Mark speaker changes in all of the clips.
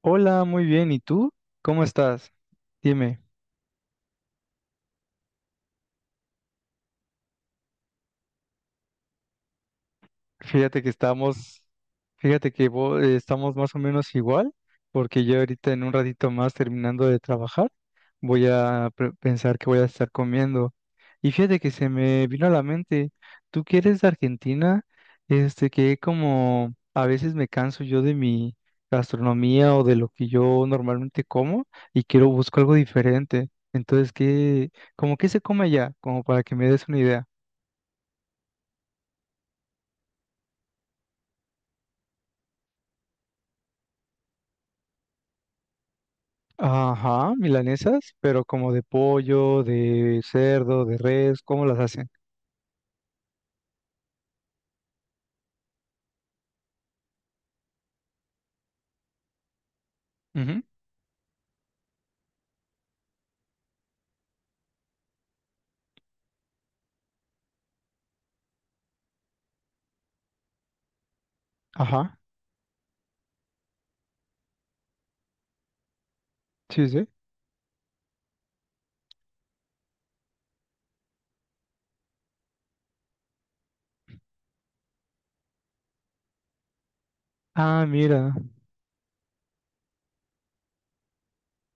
Speaker 1: Hola, muy bien. ¿Y tú? ¿Cómo estás? Dime, fíjate que estamos, fíjate que estamos más o menos igual, porque yo ahorita en un ratito más terminando de trabajar. Voy a pensar que voy a estar comiendo. Y fíjate que se me vino a la mente, tú que eres de Argentina, este, que como a veces me canso yo de mi gastronomía o de lo que yo normalmente como y quiero busco algo diferente. Entonces, ¿como qué se come allá? Como para que me des una idea. Ajá, milanesas, pero como de pollo, de cerdo, de res, ¿cómo las hacen? Ujú. Ajá, sí, sí. Ah, mira.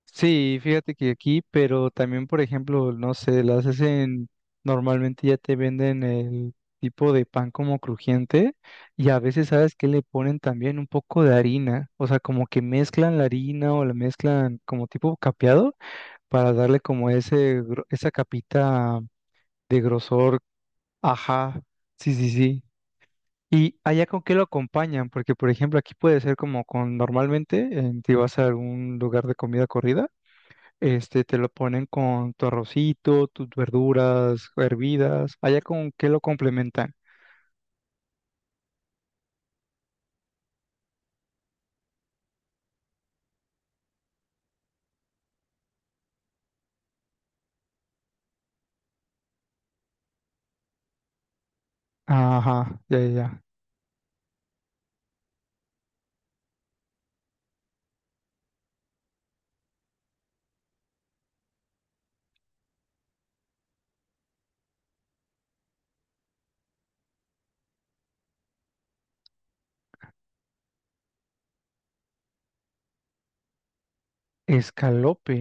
Speaker 1: Sí, fíjate que aquí, pero también, por ejemplo, no sé, las hacen, normalmente ya te venden el tipo de pan como crujiente y a veces sabes que le ponen también un poco de harina, o sea, como que mezclan la harina o la mezclan como tipo capeado para darle como ese, esa capita de grosor. Ajá, sí, sí, sí. ¿Y allá con qué lo acompañan? Porque, por ejemplo, aquí puede ser como con, normalmente, en, si vas a algún lugar de comida corrida. Este, te lo ponen con tu arrocito, tus verduras hervidas. Allá con qué lo complementan. Ajá, ya, ya, ya. Escalope.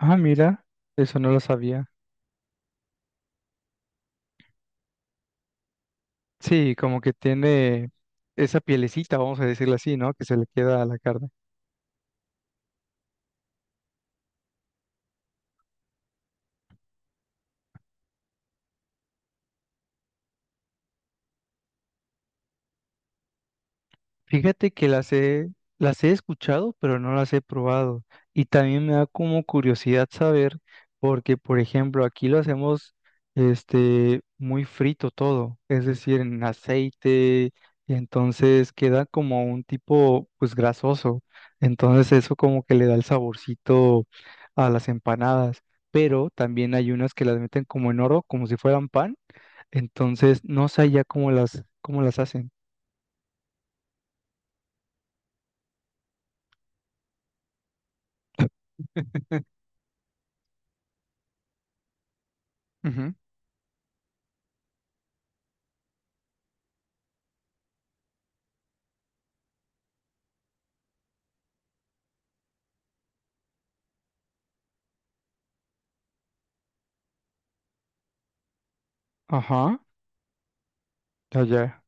Speaker 1: Ah, mira, eso no lo sabía. Sí, como que tiene esa pielecita, vamos a decirlo así, ¿no? Que se le queda a la carne. Fíjate que las he escuchado, pero no las he probado. Y también me da como curiosidad saber, porque por ejemplo, aquí lo hacemos este muy frito todo, es decir, en aceite, y entonces queda como un tipo pues grasoso. Entonces eso como que le da el saborcito a las empanadas. Pero también hay unas que las meten como en oro, como si fueran pan. Entonces no sé ya cómo las hacen. Ujú. Ajá. Allá.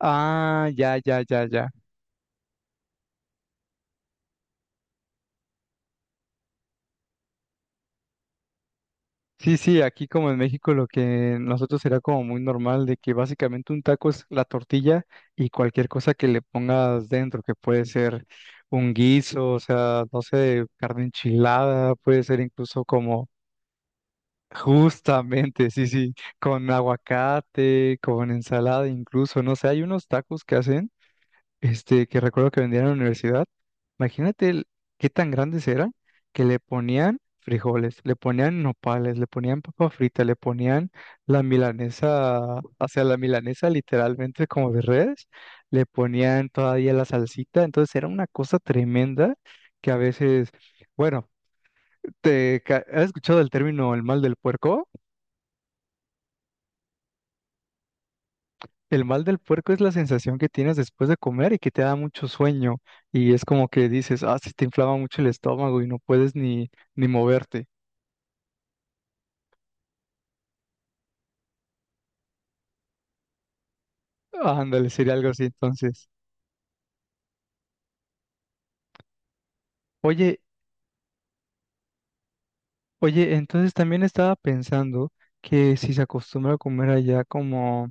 Speaker 1: Ah, ya, ya, ya, ya. Sí, sí, aquí como en México lo que nosotros será como muy normal de que básicamente un taco es la tortilla y cualquier cosa que le pongas dentro, que puede ser un guiso, o sea, no sé, carne enchilada, puede ser incluso como justamente, sí, sí, con aguacate, con ensalada incluso, no sé, hay unos tacos que hacen. Este, que recuerdo que vendían en la universidad, imagínate qué tan grandes eran, que le ponían frijoles, le ponían nopales, le ponían papa frita, le ponían la milanesa, o sea, la milanesa literalmente como de redes, le ponían todavía la salsita, entonces era una cosa tremenda que a veces, bueno, has escuchado el término el mal del puerco? El mal del puerco es la sensación que tienes después de comer y que te da mucho sueño y es como que dices, ah, se te inflama mucho el estómago y no puedes ni, ni moverte. Ándale, sería algo así entonces. Oye, oye, entonces también estaba pensando que si se acostumbra a comer allá como.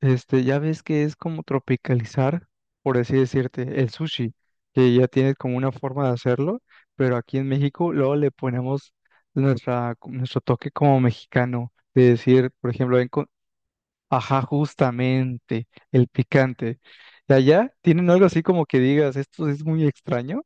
Speaker 1: Este, ya ves que es como tropicalizar, por así decirte, el sushi, que ya tiene como una forma de hacerlo, pero aquí en México luego le ponemos nuestra, nuestro toque como mexicano, de decir, por ejemplo, ven con, ajá, justamente, el picante. ¿Y allá tienen algo así como que digas, esto es muy extraño?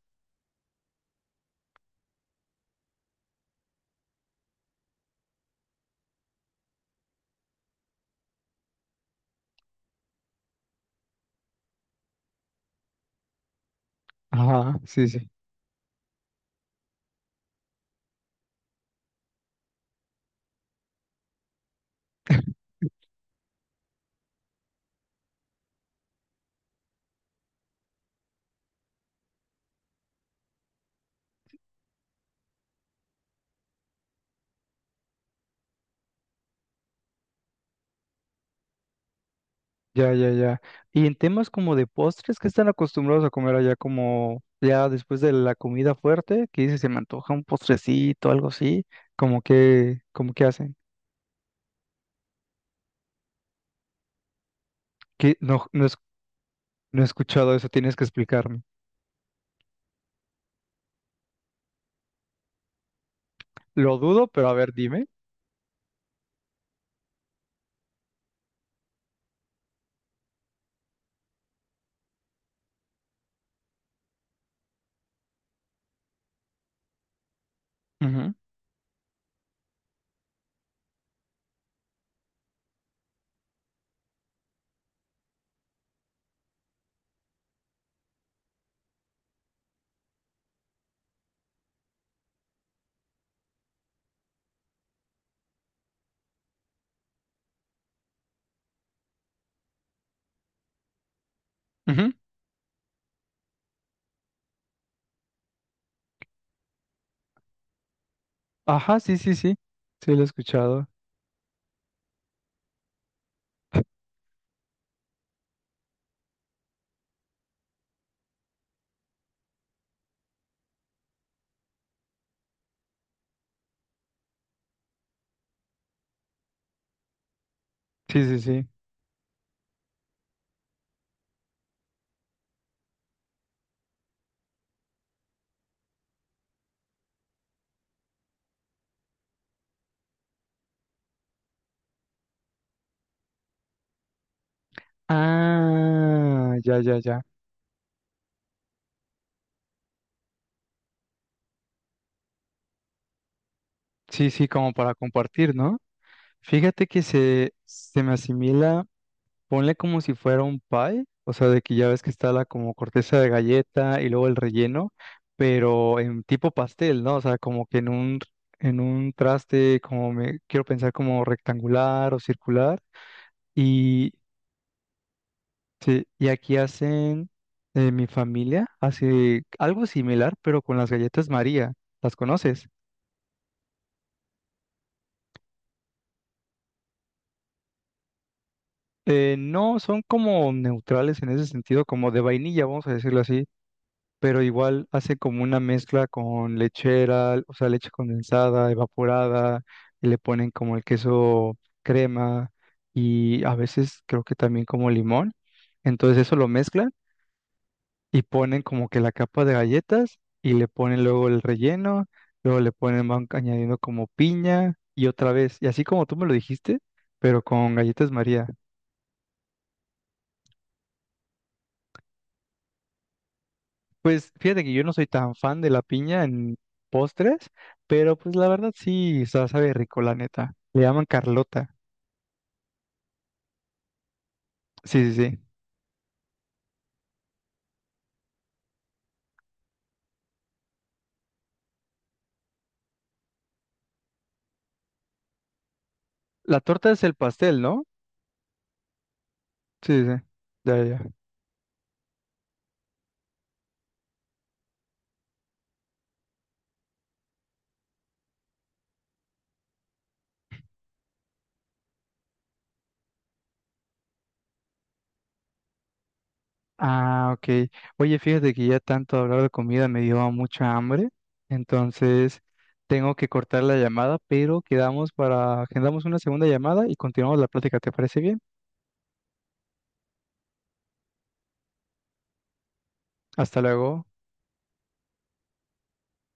Speaker 1: Ajá, sí, sí. Ya, ya, ya. Y en temas como de postres, ¿qué están acostumbrados a comer allá como ya después de la comida fuerte? ¿Que dice? Se me antoja un postrecito, algo así. ¿Cómo que hacen? Que no, no, no he escuchado eso, tienes que explicarme. Lo dudo, pero a ver, dime. Ujú, ujú. Ajá, sí, sí, sí. Sí, lo he escuchado. Sí, sí, sí. Ah, ya, ya, ya. Sí, sí, como para compartir, ¿no? Fíjate que se me asimila. Ponle como si fuera un pie, o sea, de que ya ves que está la como corteza de galleta y luego el relleno, pero en tipo pastel, ¿no? O sea, como que en un traste, como me quiero pensar como rectangular o circular. Y, sí, y aquí hacen, mi familia hace algo similar, pero con las galletas María. ¿Las conoces? No, son como neutrales en ese sentido, como de vainilla, vamos a decirlo así, pero igual hace como una mezcla con lechera, o sea, leche condensada, evaporada, y le ponen como el queso crema y a veces creo que también como limón. Entonces eso lo mezclan y ponen como que la capa de galletas y le ponen luego el relleno, luego le ponen, van añadiendo como piña y otra vez, y así como tú me lo dijiste, pero con galletas María. Pues fíjate que yo no soy tan fan de la piña en postres, pero pues la verdad sí, o sea, sabe rico, la neta. Le llaman Carlota. Sí, sí, sí. La torta es el pastel, ¿no? Sí, sí, sí. Ya, ya, ya. Ah, ok. Oye, fíjate que ya tanto hablar de comida me dio mucha hambre, entonces tengo que cortar la llamada, pero quedamos para, agendamos una segunda llamada y continuamos la plática, ¿te parece bien? Hasta luego.